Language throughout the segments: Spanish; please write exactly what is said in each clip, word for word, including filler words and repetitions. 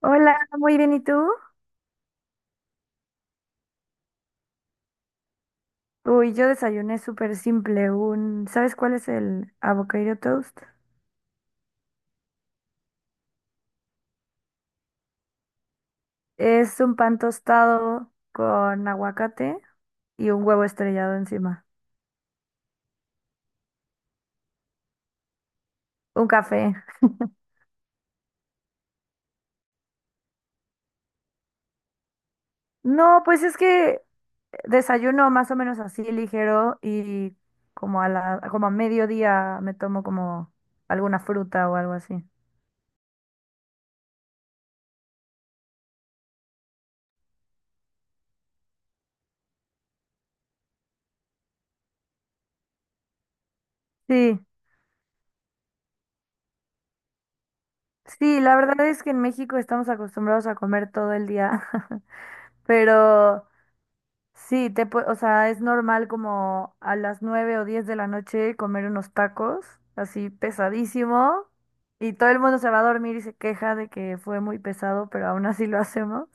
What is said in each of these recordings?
Hola, muy bien, ¿y tú? Uy, yo desayuné súper simple, un, ¿sabes cuál es el avocado toast? Es un pan tostado con aguacate y un huevo estrellado encima, un café. No, pues es que desayuno más o menos así ligero y como a la, como a mediodía me tomo como alguna fruta o algo así. Sí, sí, la verdad es que en México estamos acostumbrados a comer todo el día, pero Sí, te, pue- o sea, es normal como a las nueve o diez de la noche comer unos tacos, así pesadísimo, y todo el mundo se va a dormir y se queja de que fue muy pesado, pero aún así lo hacemos.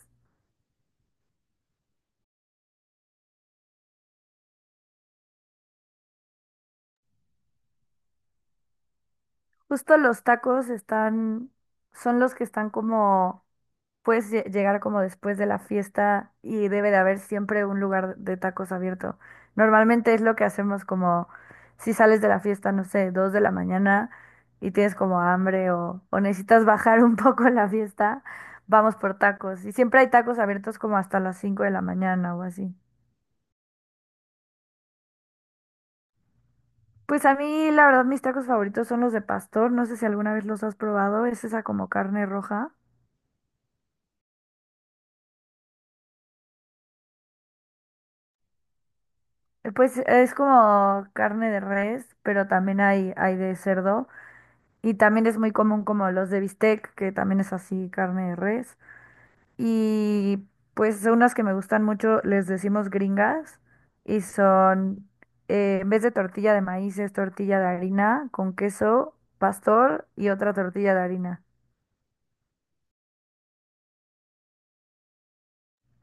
Justo los tacos están, son los que están como Puedes lle- llegar como después de la fiesta y debe de haber siempre un lugar de tacos abierto. Normalmente es lo que hacemos como si sales de la fiesta, no sé, dos de la mañana y tienes como hambre o, o necesitas bajar un poco la fiesta, vamos por tacos. Y siempre hay tacos abiertos como hasta las cinco de la mañana o así. Pues a mí la verdad mis tacos favoritos son los de pastor, no sé si alguna vez los has probado, es esa como carne roja. Eh, Pues es como carne de res, pero también hay, hay de cerdo. Y también es muy común como los de bistec, que también es así, carne de res. Y pues son unas que me gustan mucho, les decimos gringas, y son, eh, en vez de tortilla de maíz, es tortilla de harina con queso, pastor y otra tortilla de harina.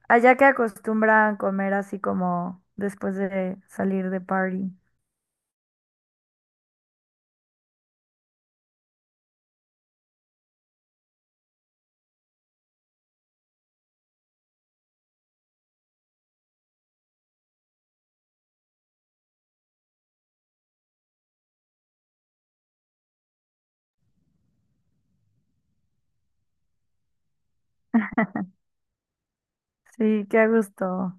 Allá que acostumbran comer así como después de salir de party. Sí, qué a gusto.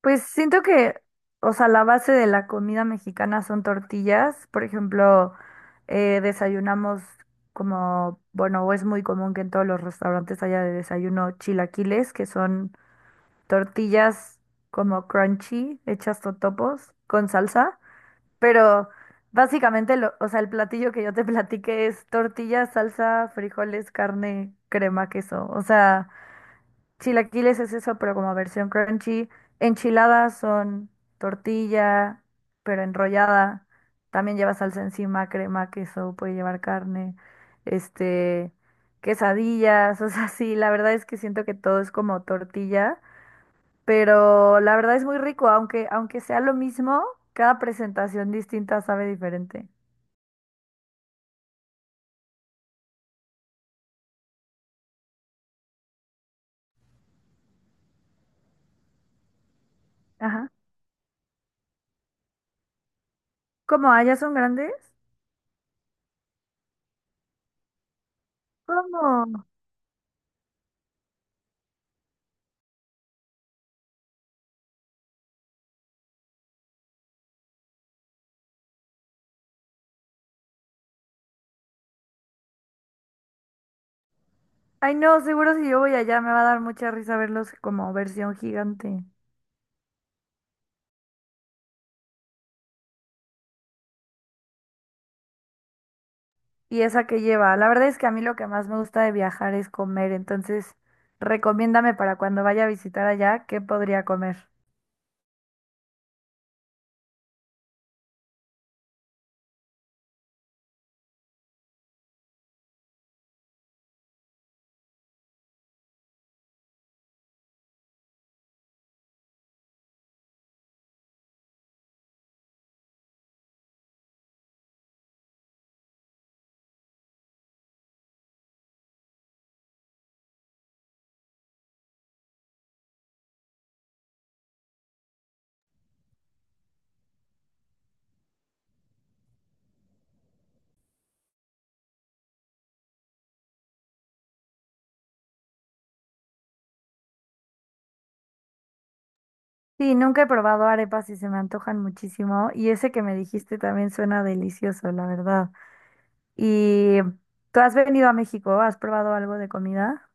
Pues siento que, o sea, la base de la comida mexicana son tortillas. Por ejemplo, eh, desayunamos como, bueno, o es muy común que en todos los restaurantes haya de desayuno chilaquiles, que son tortillas como crunchy, hechas totopos, con salsa. Pero básicamente, lo, o sea, el platillo que yo te platiqué es tortillas, salsa, frijoles, carne, crema, queso. O sea... Chilaquiles es eso, pero como versión crunchy. Enchiladas son tortilla, pero enrollada. También lleva salsa encima, crema, queso, puede llevar carne, este, quesadillas, o sea, sí, la verdad es que siento que todo es como tortilla, pero la verdad es muy rico, aunque, aunque sea lo mismo, cada presentación distinta sabe diferente. Ajá. ¿Cómo? ¿Allá son grandes? ¿Cómo? Ay, no, seguro si yo voy allá me va a dar mucha risa verlos como versión gigante. ¿Y esa que lleva? La verdad es que a mí lo que más me gusta de viajar es comer, entonces recomiéndame para cuando vaya a visitar allá, ¿qué podría comer? Sí, nunca he probado arepas y se me antojan muchísimo y ese que me dijiste también suena delicioso, la verdad. ¿Y tú has venido a México? ¿Has probado algo de comida?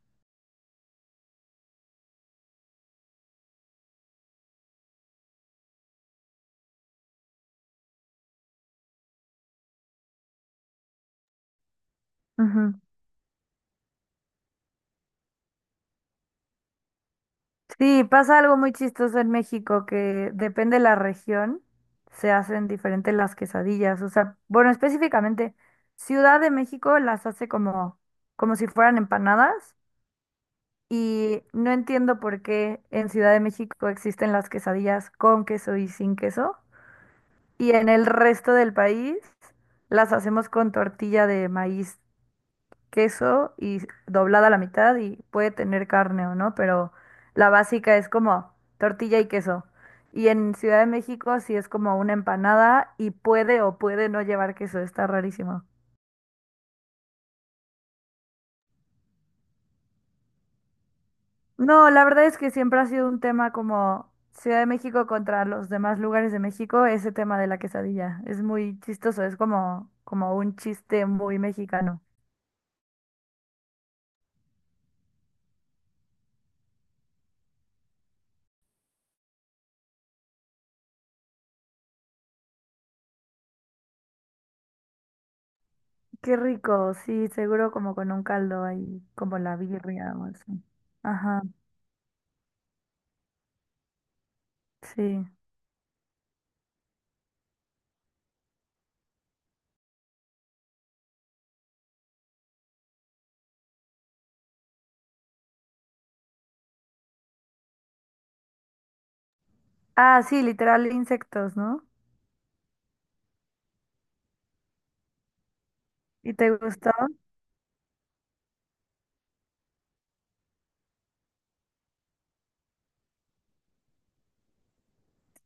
Ujú. Sí, pasa algo muy chistoso en México que depende de la región, se hacen diferentes las quesadillas. O sea, bueno, específicamente Ciudad de México las hace como, como si fueran empanadas y no entiendo por qué en Ciudad de México existen las quesadillas con queso y sin queso y en el resto del país las hacemos con tortilla de maíz queso y doblada a la mitad y puede tener carne o no, pero la básica es como tortilla y queso. Y en Ciudad de México sí es como una empanada y puede o puede no llevar queso, está rarísimo. No, la verdad es que siempre ha sido un tema como Ciudad de México contra los demás lugares de México, ese tema de la quesadilla. Es muy chistoso, es como, como un chiste muy mexicano. Qué rico, sí, seguro como con un caldo ahí, como la birria o así. Ajá, sí. Ah, sí, literal insectos, ¿no? ¿Y te gustó?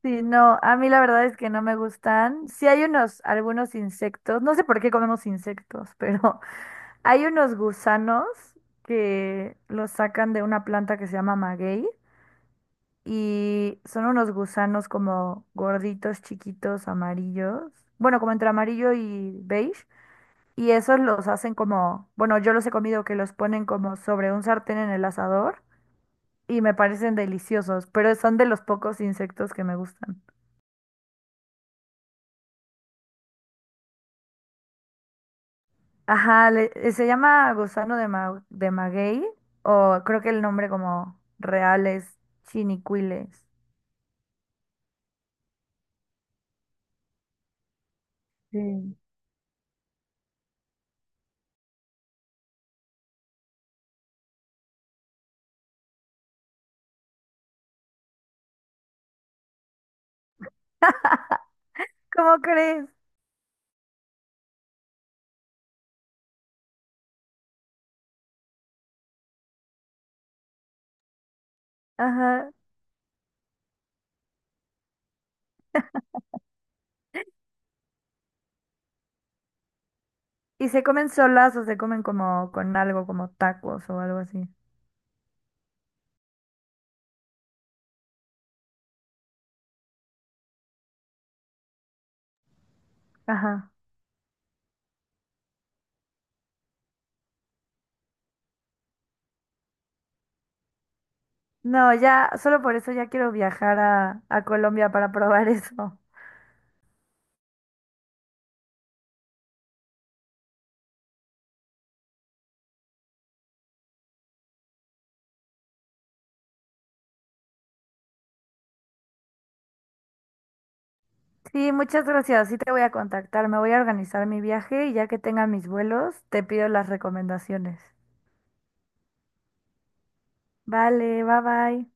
Sí, no, a mí la verdad es que no me gustan. Sí hay unos, algunos insectos, no sé por qué comemos insectos, pero hay unos gusanos que los sacan de una planta que se llama maguey y son unos gusanos como gorditos, chiquitos, amarillos, bueno, como entre amarillo y beige. Y esos los hacen como, bueno, yo los he comido que los ponen como sobre un sartén en el asador y me parecen deliciosos, pero son de los pocos insectos que me gustan. Ajá, le- eh, se llama gusano de, ma- de maguey, o creo que el nombre como real es chinicuiles. Sí. ¿Cómo crees? Ajá. Y se comen solas o se comen como con algo, como tacos o algo así. Ajá. No, ya, solo por eso ya quiero viajar a, a Colombia para probar eso. Sí, muchas gracias. Sí te voy a contactar. Me voy a organizar mi viaje y ya que tenga mis vuelos, te pido las recomendaciones. Vale, bye bye.